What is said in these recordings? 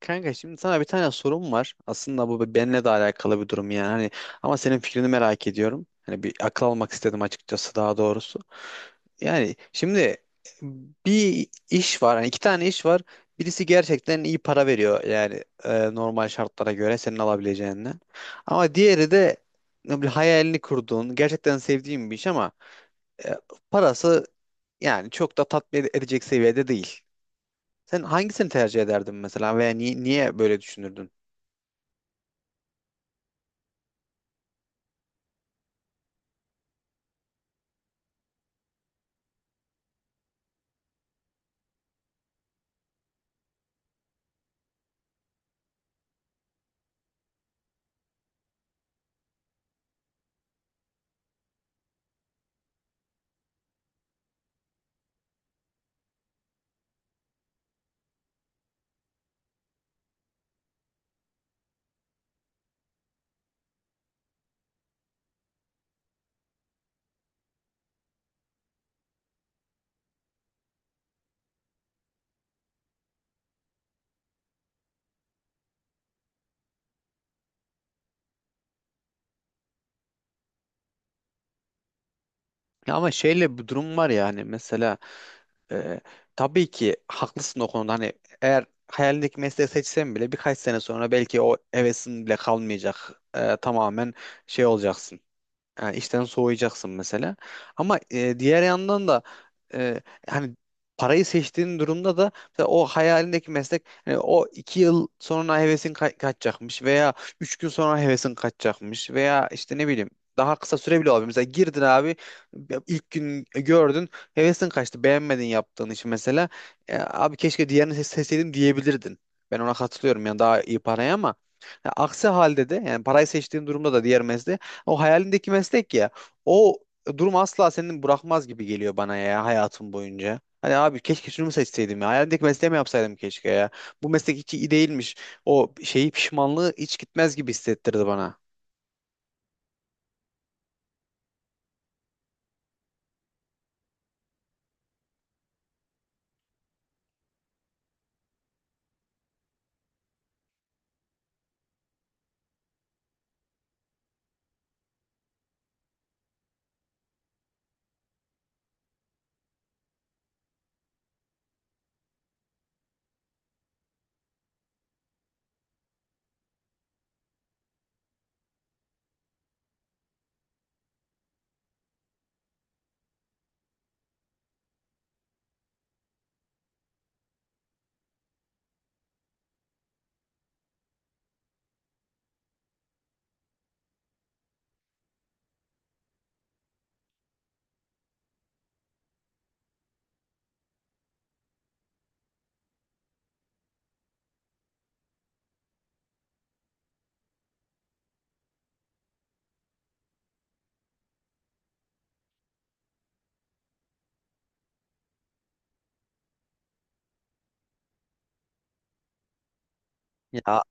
Kanka şimdi sana bir tane sorum var. Aslında bu benimle de alakalı bir durum yani. Hani ama senin fikrini merak ediyorum. Hani bir akıl almak istedim açıkçası daha doğrusu. Yani şimdi bir iş var. Hani iki tane iş var. Birisi gerçekten iyi para veriyor yani normal şartlara göre senin alabileceğinden. Ama diğeri de ne bileyim, hayalini kurduğun, gerçekten sevdiğin bir iş ama e, parası yani çok da tatmin edecek seviyede değil. Sen hangisini tercih ederdin mesela veya niye böyle düşünürdün? Ya ama şeyle bir durum var ya hani mesela e, tabii ki haklısın o konuda hani eğer hayalindeki mesleği seçsen bile birkaç sene sonra belki o hevesin bile kalmayacak. Tamamen şey olacaksın. Yani işten soğuyacaksın mesela. Ama diğer yandan da e, hani parayı seçtiğin durumda da mesela o hayalindeki meslek hani o 2 yıl sonra hevesin kaçacakmış veya 3 gün sonra hevesin kaçacakmış veya işte ne bileyim daha kısa süre bile olabilir. Mesela girdin abi ilk gün gördün hevesin kaçtı beğenmedin yaptığın işi mesela. Abi keşke diğerini seçseydim diyebilirdin. Ben ona katılıyorum yani daha iyi paraya ama ya aksi halde de yani parayı seçtiğin durumda da diğer mesleği o hayalindeki meslek ya. O durum asla seni bırakmaz gibi geliyor bana ya hayatım boyunca. Hani abi keşke şunu mu seçseydim ya. Hayalimdeki mesleği mi yapsaydım keşke ya. Bu meslek hiç iyi değilmiş. O şeyi pişmanlığı hiç gitmez gibi hissettirdi bana. Ya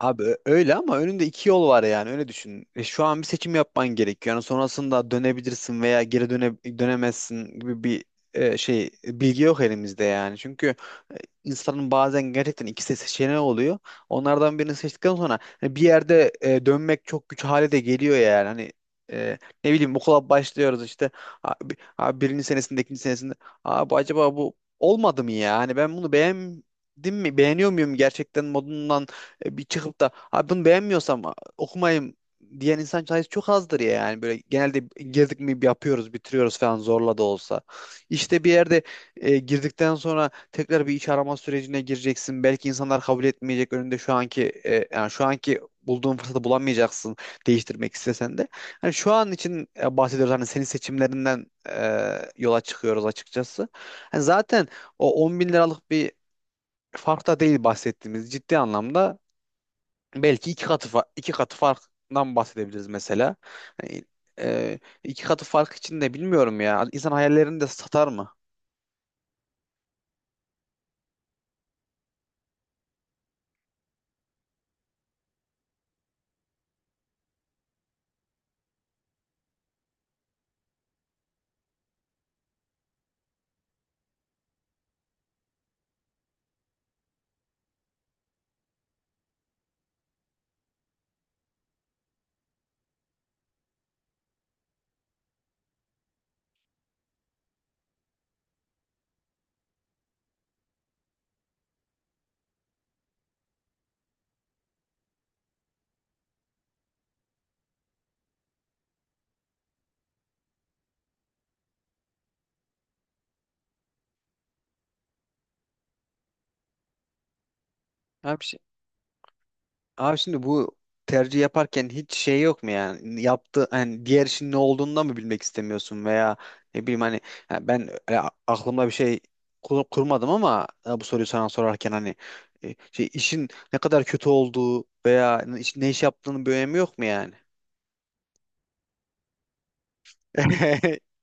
abi öyle ama önünde iki yol var yani öyle düşün. Şu an bir seçim yapman gerekiyor. Yani sonrasında dönebilirsin veya geri dönemezsin gibi bir şey bilgi yok elimizde yani. Çünkü insanın bazen gerçekten ikisi seçeneği oluyor. Onlardan birini seçtikten sonra hani bir yerde dönmek çok güç hale de geliyor yani. Hani e, ne bileyim okula başlıyoruz işte abi birinci senesinde ikinci senesinde abi acaba bu olmadı mı ya? Hani ben bunu beğendim mi? Beğeniyor muyum gerçekten modundan bir çıkıp da abi bunu beğenmiyorsam okumayayım diyen insan sayısı çok azdır ya yani böyle genelde girdik mi yapıyoruz bitiriyoruz falan zorla da olsa. İşte bir yerde girdikten sonra tekrar bir iş arama sürecine gireceksin. Belki insanlar kabul etmeyecek önünde şu anki yani şu anki bulduğun fırsatı bulamayacaksın değiştirmek istesen de. Hani şu an için bahsediyoruz hani senin seçimlerinden yola çıkıyoruz açıkçası. Hani zaten o 10 bin liralık bir fark da değil bahsettiğimiz ciddi anlamda belki iki katı farktan bahsedebiliriz mesela. Hani, e, iki katı fark için de bilmiyorum ya. İnsan hayallerini de satar mı? Abi Abi şimdi bu tercih yaparken hiç şey yok mu yani yaptı hani diğer işin ne olduğunu da mı bilmek istemiyorsun veya ne bileyim hani ya ben aklımda bir şey kurmadım ama bu soruyu sana sorarken hani şey işin ne kadar kötü olduğu veya ne iş yaptığının bir önemi yok mu yani?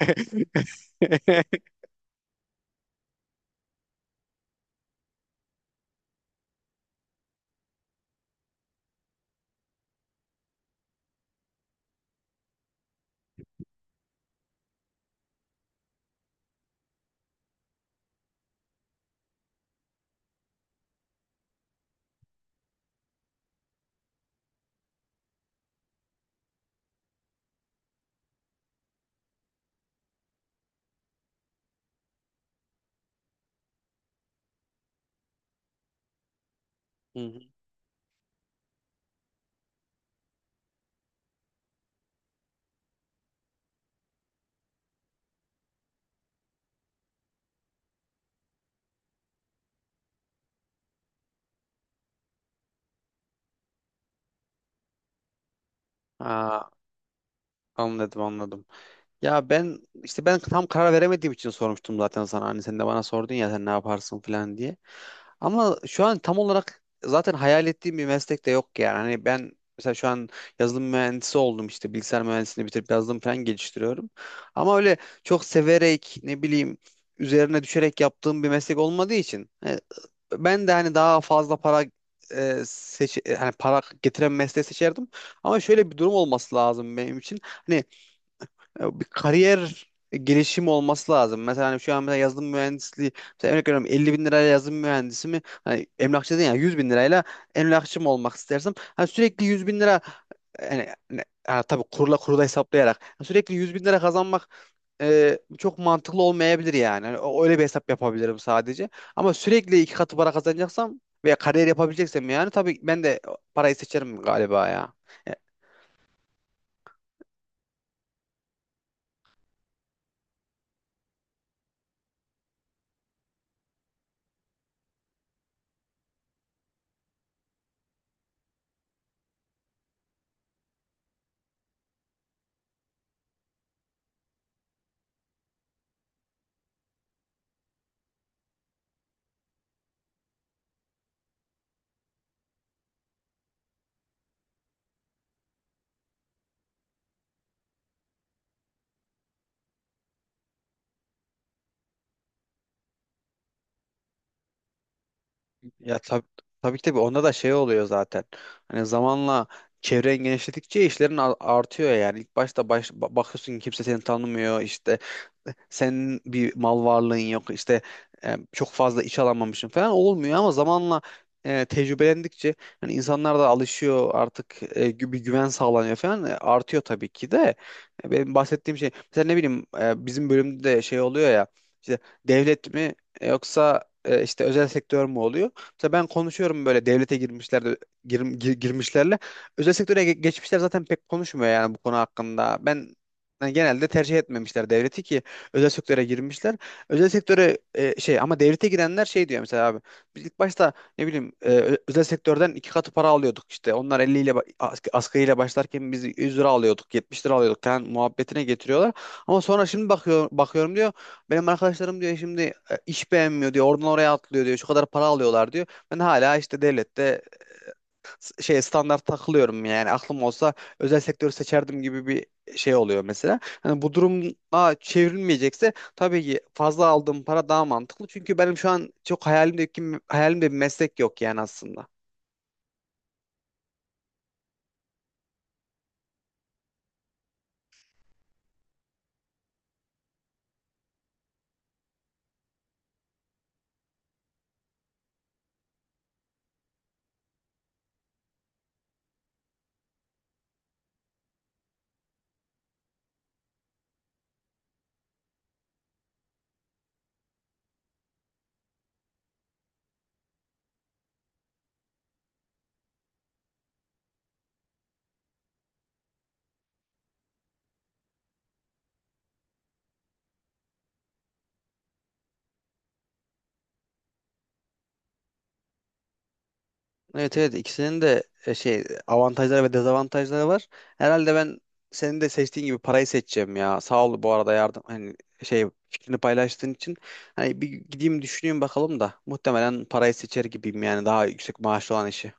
Hı hı. Aa, anladım anladım. Ya ben işte ben tam karar veremediğim için sormuştum zaten sana. Hani sen de bana sordun ya sen ne yaparsın falan diye. Ama şu an tam olarak zaten hayal ettiğim bir meslek de yok yani. Hani ben mesela şu an yazılım mühendisi oldum işte bilgisayar mühendisliğini bitirip yazılım falan geliştiriyorum. Ama öyle çok severek ne bileyim üzerine düşerek yaptığım bir meslek olmadığı için ben de hani daha fazla para hani para getiren mesleği seçerdim. Ama şöyle bir durum olması lazım benim için. Hani ya bir kariyer gelişimi olması lazım. Mesela hani şu an mesela yazılım mühendisliği, mesela örnek veriyorum 50.000 lirayla yazılım mühendisi mi? Hani emlakçı değil yani 100.000 lirayla emlakçı mı olmak istersem? Hani sürekli 100.000 lira yani, ha, tabii kurla kurula hesaplayarak yani sürekli 100.000 lira kazanmak çok mantıklı olmayabilir yani. Hani öyle bir hesap yapabilirim sadece. Ama sürekli iki katı para kazanacaksam veya kariyer yapabileceksem yani tabii ben de parayı seçerim galiba ya. E, Ya tabii ki onda da şey oluyor zaten. Hani zamanla çevren genişledikçe işlerin artıyor yani. İlk başta bakıyorsun ki kimse seni tanımıyor işte senin bir mal varlığın yok işte çok fazla iş alamamışsın falan olmuyor ama zamanla tecrübelendikçe hani insanlar da alışıyor artık bir güven sağlanıyor falan artıyor tabii ki de. Benim bahsettiğim şey mesela ne bileyim bizim bölümde de şey oluyor ya işte devlet mi yoksa işte özel sektör mü oluyor? Mesela ben konuşuyorum böyle devlete girmişler girmişlerle. Özel sektöre geçmişler zaten pek konuşmuyor yani bu konu hakkında. Ben yani genelde tercih etmemişler devleti ki özel sektöre girmişler. Özel sektöre şey ama devlete girenler şey diyor mesela abi. Biz ilk başta ne bileyim özel sektörden iki katı para alıyorduk işte. Onlar 50 ile asgari ile başlarken biz 100 lira alıyorduk, 70 lira alıyorduk falan muhabbetine getiriyorlar. Ama sonra şimdi bakıyorum diyor. Benim arkadaşlarım diyor şimdi iş beğenmiyor diyor. Oradan oraya atlıyor diyor. Şu kadar para alıyorlar diyor. Ben hala işte devlette şey standart takılıyorum yani aklım olsa özel sektörü seçerdim gibi bir şey oluyor mesela. Hani bu duruma çevrilmeyecekse tabii ki fazla aldığım para daha mantıklı. Çünkü benim şu an çok hayalimde bir meslek yok yani aslında. Evet evet ikisinin de şey avantajları ve dezavantajları var. Herhalde ben senin de seçtiğin gibi parayı seçeceğim ya. Sağ ol bu arada yardım hani şey fikrini paylaştığın için. Hani bir gideyim düşüneyim bakalım da muhtemelen parayı seçer gibiyim yani daha yüksek maaşlı olan işi.